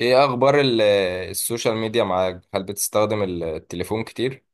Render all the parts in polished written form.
ايه اخبار السوشيال ميديا معاك، هل بتستخدم التليفون كتير؟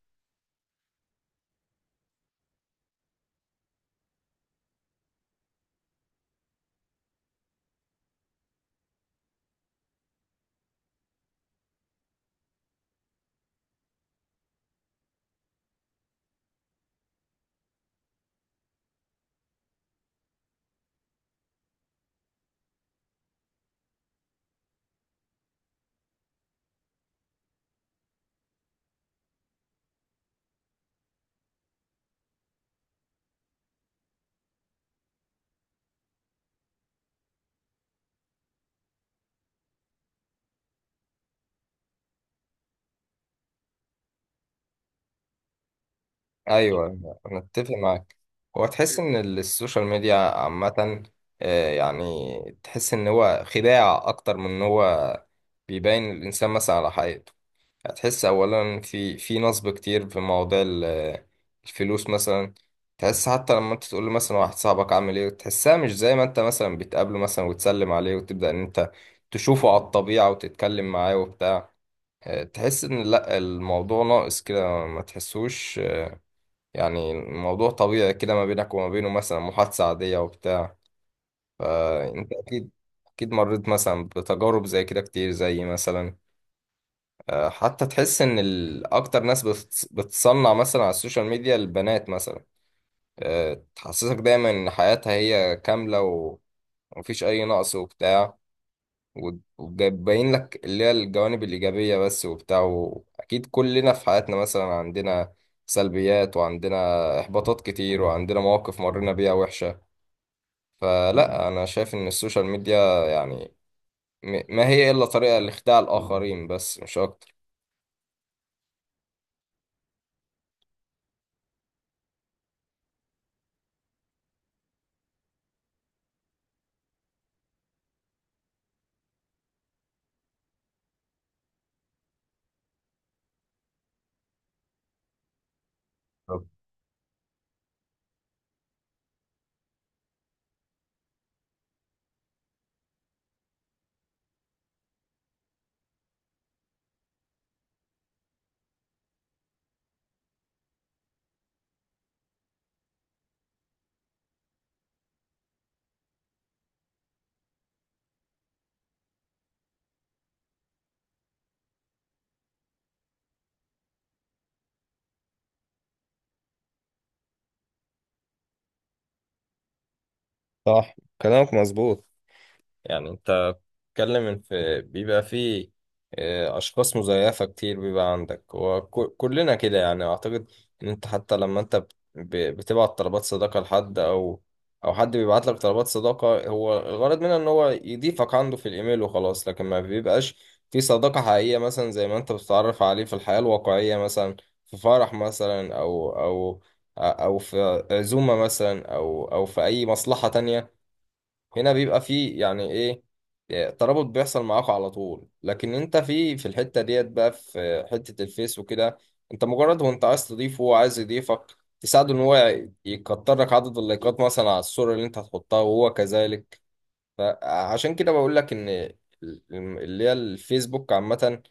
ايوه، انا اتفق معاك. هو تحس ان السوشيال ميديا عامه، يعني تحس ان هو خداع اكتر من ان هو بيبين الانسان مثلا على حقيقته. هتحس اولا في نصب كتير في مواضيع الفلوس مثلا. تحس حتى لما انت تقول له مثلا واحد صاحبك عامل ايه تحسها مش زي ما انت مثلا بتقابله مثلا وتسلم عليه وتبدا ان انت تشوفه على الطبيعه وتتكلم معاه وبتاع. تحس ان لا، الموضوع ناقص كده ما تحسوش يعني الموضوع طبيعي كده ما بينك وما بينه، مثلا محادثة عادية وبتاع. فانت اكيد اكيد مريت مثلا بتجارب زي كده كتير، زي مثلا حتى تحس ان اكتر ناس بتصنع مثلا على السوشيال ميديا، البنات مثلا. تحسسك دايما ان حياتها هي كاملة ومفيش اي نقص وبتاع، وباين لك اللي هي الجوانب الإيجابية بس وبتاع. أكيد كلنا في حياتنا مثلا عندنا سلبيات، وعندنا إحباطات كتير، وعندنا مواقف مرينا بيها وحشة. فلا، أنا شايف إن السوشيال ميديا يعني ما هي إلا طريقة لإخداع الآخرين بس، مش أكتر. صح، كلامك مظبوط. يعني انت بتتكلم ان بيبقى في اشخاص مزيفه كتير بيبقى عندك، وكلنا كده يعني اعتقد. ان انت حتى لما انت بتبعت طلبات صداقه لحد او حد بيبعت لك طلبات صداقه، هو الغرض منها ان هو يضيفك عنده في الايميل وخلاص، لكن ما بيبقاش في صداقه حقيقيه مثلا زي ما انت بتتعرف عليه في الحياه الواقعيه مثلا، في فرح مثلا او في عزومه مثلا او في اي مصلحه تانية. هنا بيبقى فيه يعني ايه، إيه، ترابط بيحصل معاك على طول، لكن انت في الحتة ديت بقى، في حتة الفيس وكده انت مجرد، وانت عايز تضيفه وهو عايز يضيفك تساعده ان هو يكتر لك عدد اللايكات مثلا على الصورة اللي انت هتحطها وهو كذلك. فعشان كده بقول لك ان اللي هي الفيسبوك عامة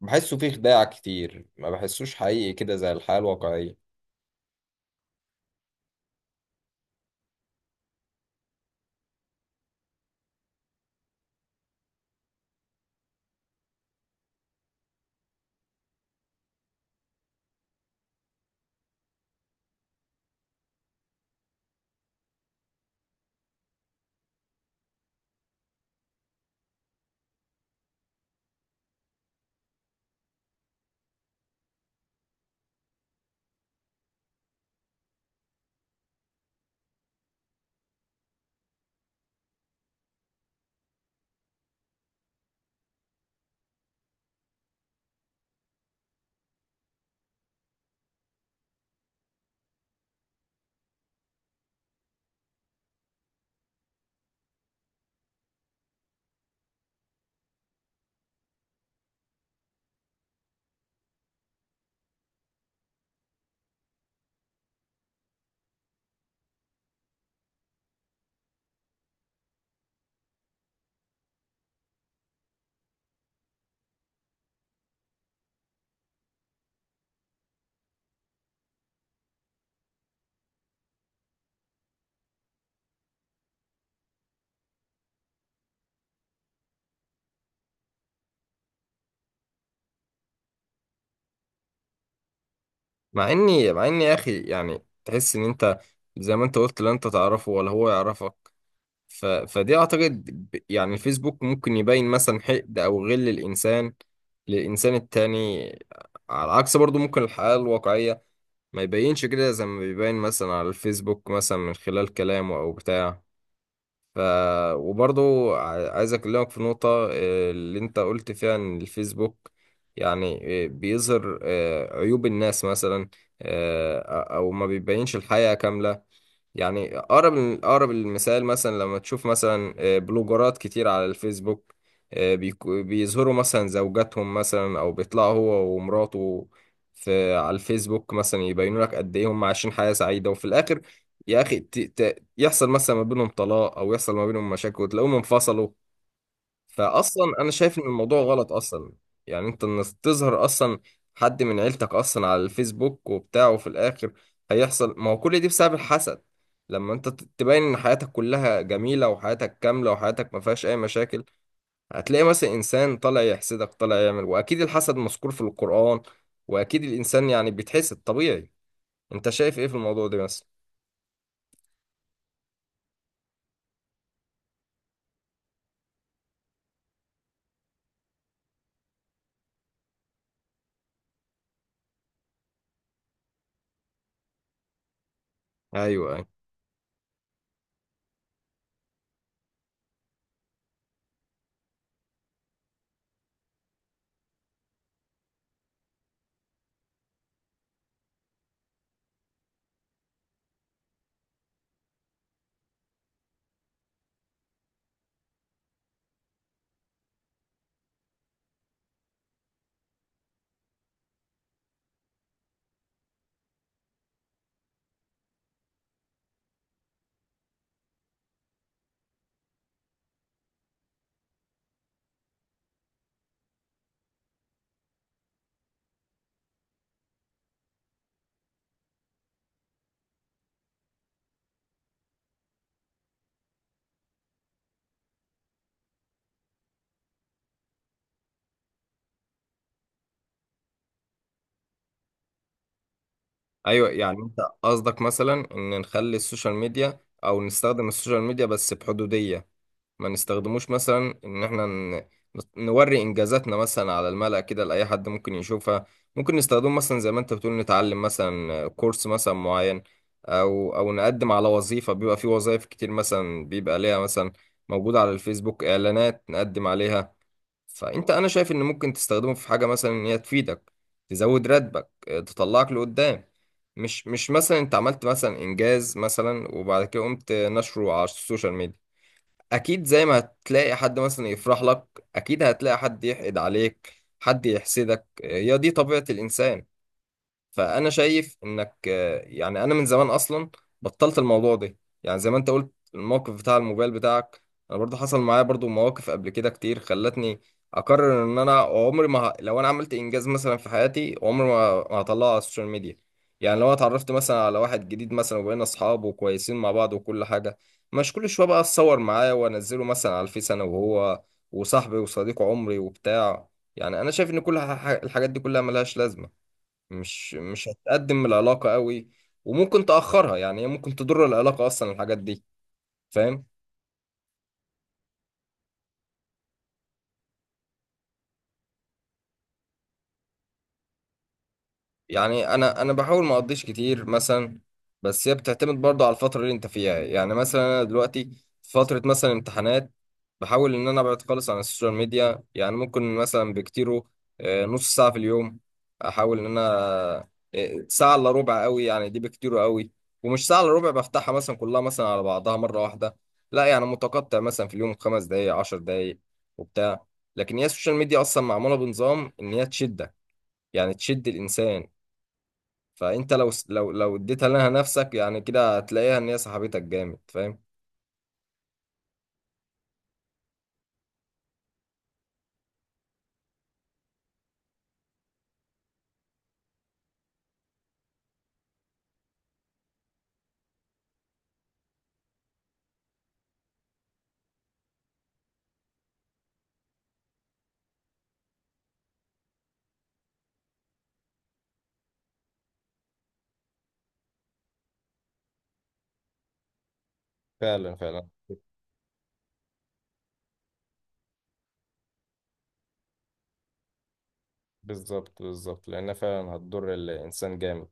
بحسه فيه خداع كتير، ما بحسوش حقيقي كده زي الحياة الواقعية. مع اني يا اخي يعني تحس ان انت زي ما انت قلت لا انت تعرفه ولا هو يعرفك. ف... فدي اعتقد يعني الفيسبوك ممكن يبين مثلا حقد او غل الانسان للانسان التاني، على عكس برضو ممكن الحياة الواقعية ما يبينش كده زي ما بيبين مثلا على الفيسبوك مثلا من خلال كلامه او بتاع. ف وبرضو عايز اكلمك في نقطة اللي انت قلت فيها ان الفيسبوك يعني بيظهر عيوب الناس مثلا، آه، او ما بيبينش الحقيقة كاملة. يعني اقرب المثال، مثلا لما تشوف مثلا بلوجرات كتير على الفيسبوك، بيظهروا مثلا زوجاتهم مثلا او بيطلعوا هو ومراته في على الفيسبوك مثلا، يبينوا لك قد ايه هم عايشين حياة سعيدة، وفي الاخر يا اخي يحصل مثلا ما بينهم طلاق، او يحصل ما بينهم مشاكل وتلاقيهم انفصلوا. فاصلا انا شايف ان الموضوع غلط اصلا. يعني انت، انك تظهر اصلا حد من عيلتك اصلا على الفيسبوك وبتاع، وفي الاخر هيحصل، ما هو كل دي بسبب الحسد. لما انت تبين ان حياتك كلها جميلة وحياتك كاملة وحياتك ما فيهاش اي مشاكل، هتلاقي مثلا انسان طالع يحسدك طالع يعمل. واكيد الحسد مذكور في القرآن، واكيد الانسان يعني بيتحسد طبيعي. انت شايف ايه في الموضوع ده مثلا؟ ايوه، ايوه، يعني انت قصدك مثلا ان نخلي السوشيال ميديا او نستخدم السوشيال ميديا بس بحدودية، ما نستخدموش مثلا ان احنا نوري انجازاتنا مثلا على الملأ كده لاي حد ممكن يشوفها. ممكن نستخدمه مثلا زي ما انت بتقول، نتعلم مثلا كورس مثلا معين، او نقدم على وظيفة. بيبقى في وظائف كتير مثلا بيبقى ليها مثلا موجودة على الفيسبوك اعلانات نقدم عليها. فانت انا شايف ان ممكن تستخدمه في حاجه مثلا ان هي تفيدك، تزود راتبك، تطلعك لقدام. مش مثلا انت عملت مثلا انجاز مثلا وبعد كده قمت نشره على السوشيال ميديا. اكيد زي ما هتلاقي حد مثلا يفرح لك، اكيد هتلاقي حد يحقد عليك، حد يحسدك، هي دي طبيعه الانسان. فانا شايف انك يعني انا من زمان اصلا بطلت الموضوع ده. يعني زي ما انت قلت، الموقف بتاع الموبايل بتاعك، انا برضو حصل معايا برضو مواقف قبل كده كتير خلتني اقرر ان انا عمري ما لو انا عملت انجاز مثلا في حياتي عمري ما هطلعه على السوشيال ميديا. يعني لو أنا اتعرفت مثلا على واحد جديد مثلا وبقينا اصحاب وكويسين مع بعض وكل حاجه، مش كل شويه بقى اتصور معاه وانزله مثلا على الفيس انا وهو، وصاحبي وصديق عمري وبتاع. يعني انا شايف ان كل الحاجات دي كلها ملهاش لازمه، مش هتقدم العلاقة قوي، وممكن تأخرها. يعني هي ممكن تضر العلاقة أصلا الحاجات دي، فاهم؟ يعني انا بحاول ما اقضيش كتير مثلا، بس هي بتعتمد برضه على الفتره اللي انت فيها. يعني مثلا انا دلوقتي في فتره مثلا امتحانات، بحاول ان انا ابعد خالص عن السوشيال ميديا. يعني ممكن مثلا بكتيره نص ساعه في اليوم. احاول ان انا ساعه الا ربع قوي، يعني دي بكتيره قوي. ومش ساعه الا ربع بفتحها مثلا كلها مثلا على بعضها مره واحده، لا، يعني متقطع مثلا في اليوم 5 دقائق 10 دقائق وبتاع. لكن هي السوشيال ميديا اصلا معموله بنظام ان هي تشدك، يعني تشد الانسان. فانت لو لو اديتها لها نفسك يعني كده هتلاقيها ان هي صاحبتك جامد، فاهم؟ فعلا فعلا، بالظبط بالظبط، لأنها فعلا هتضر الإنسان جامد.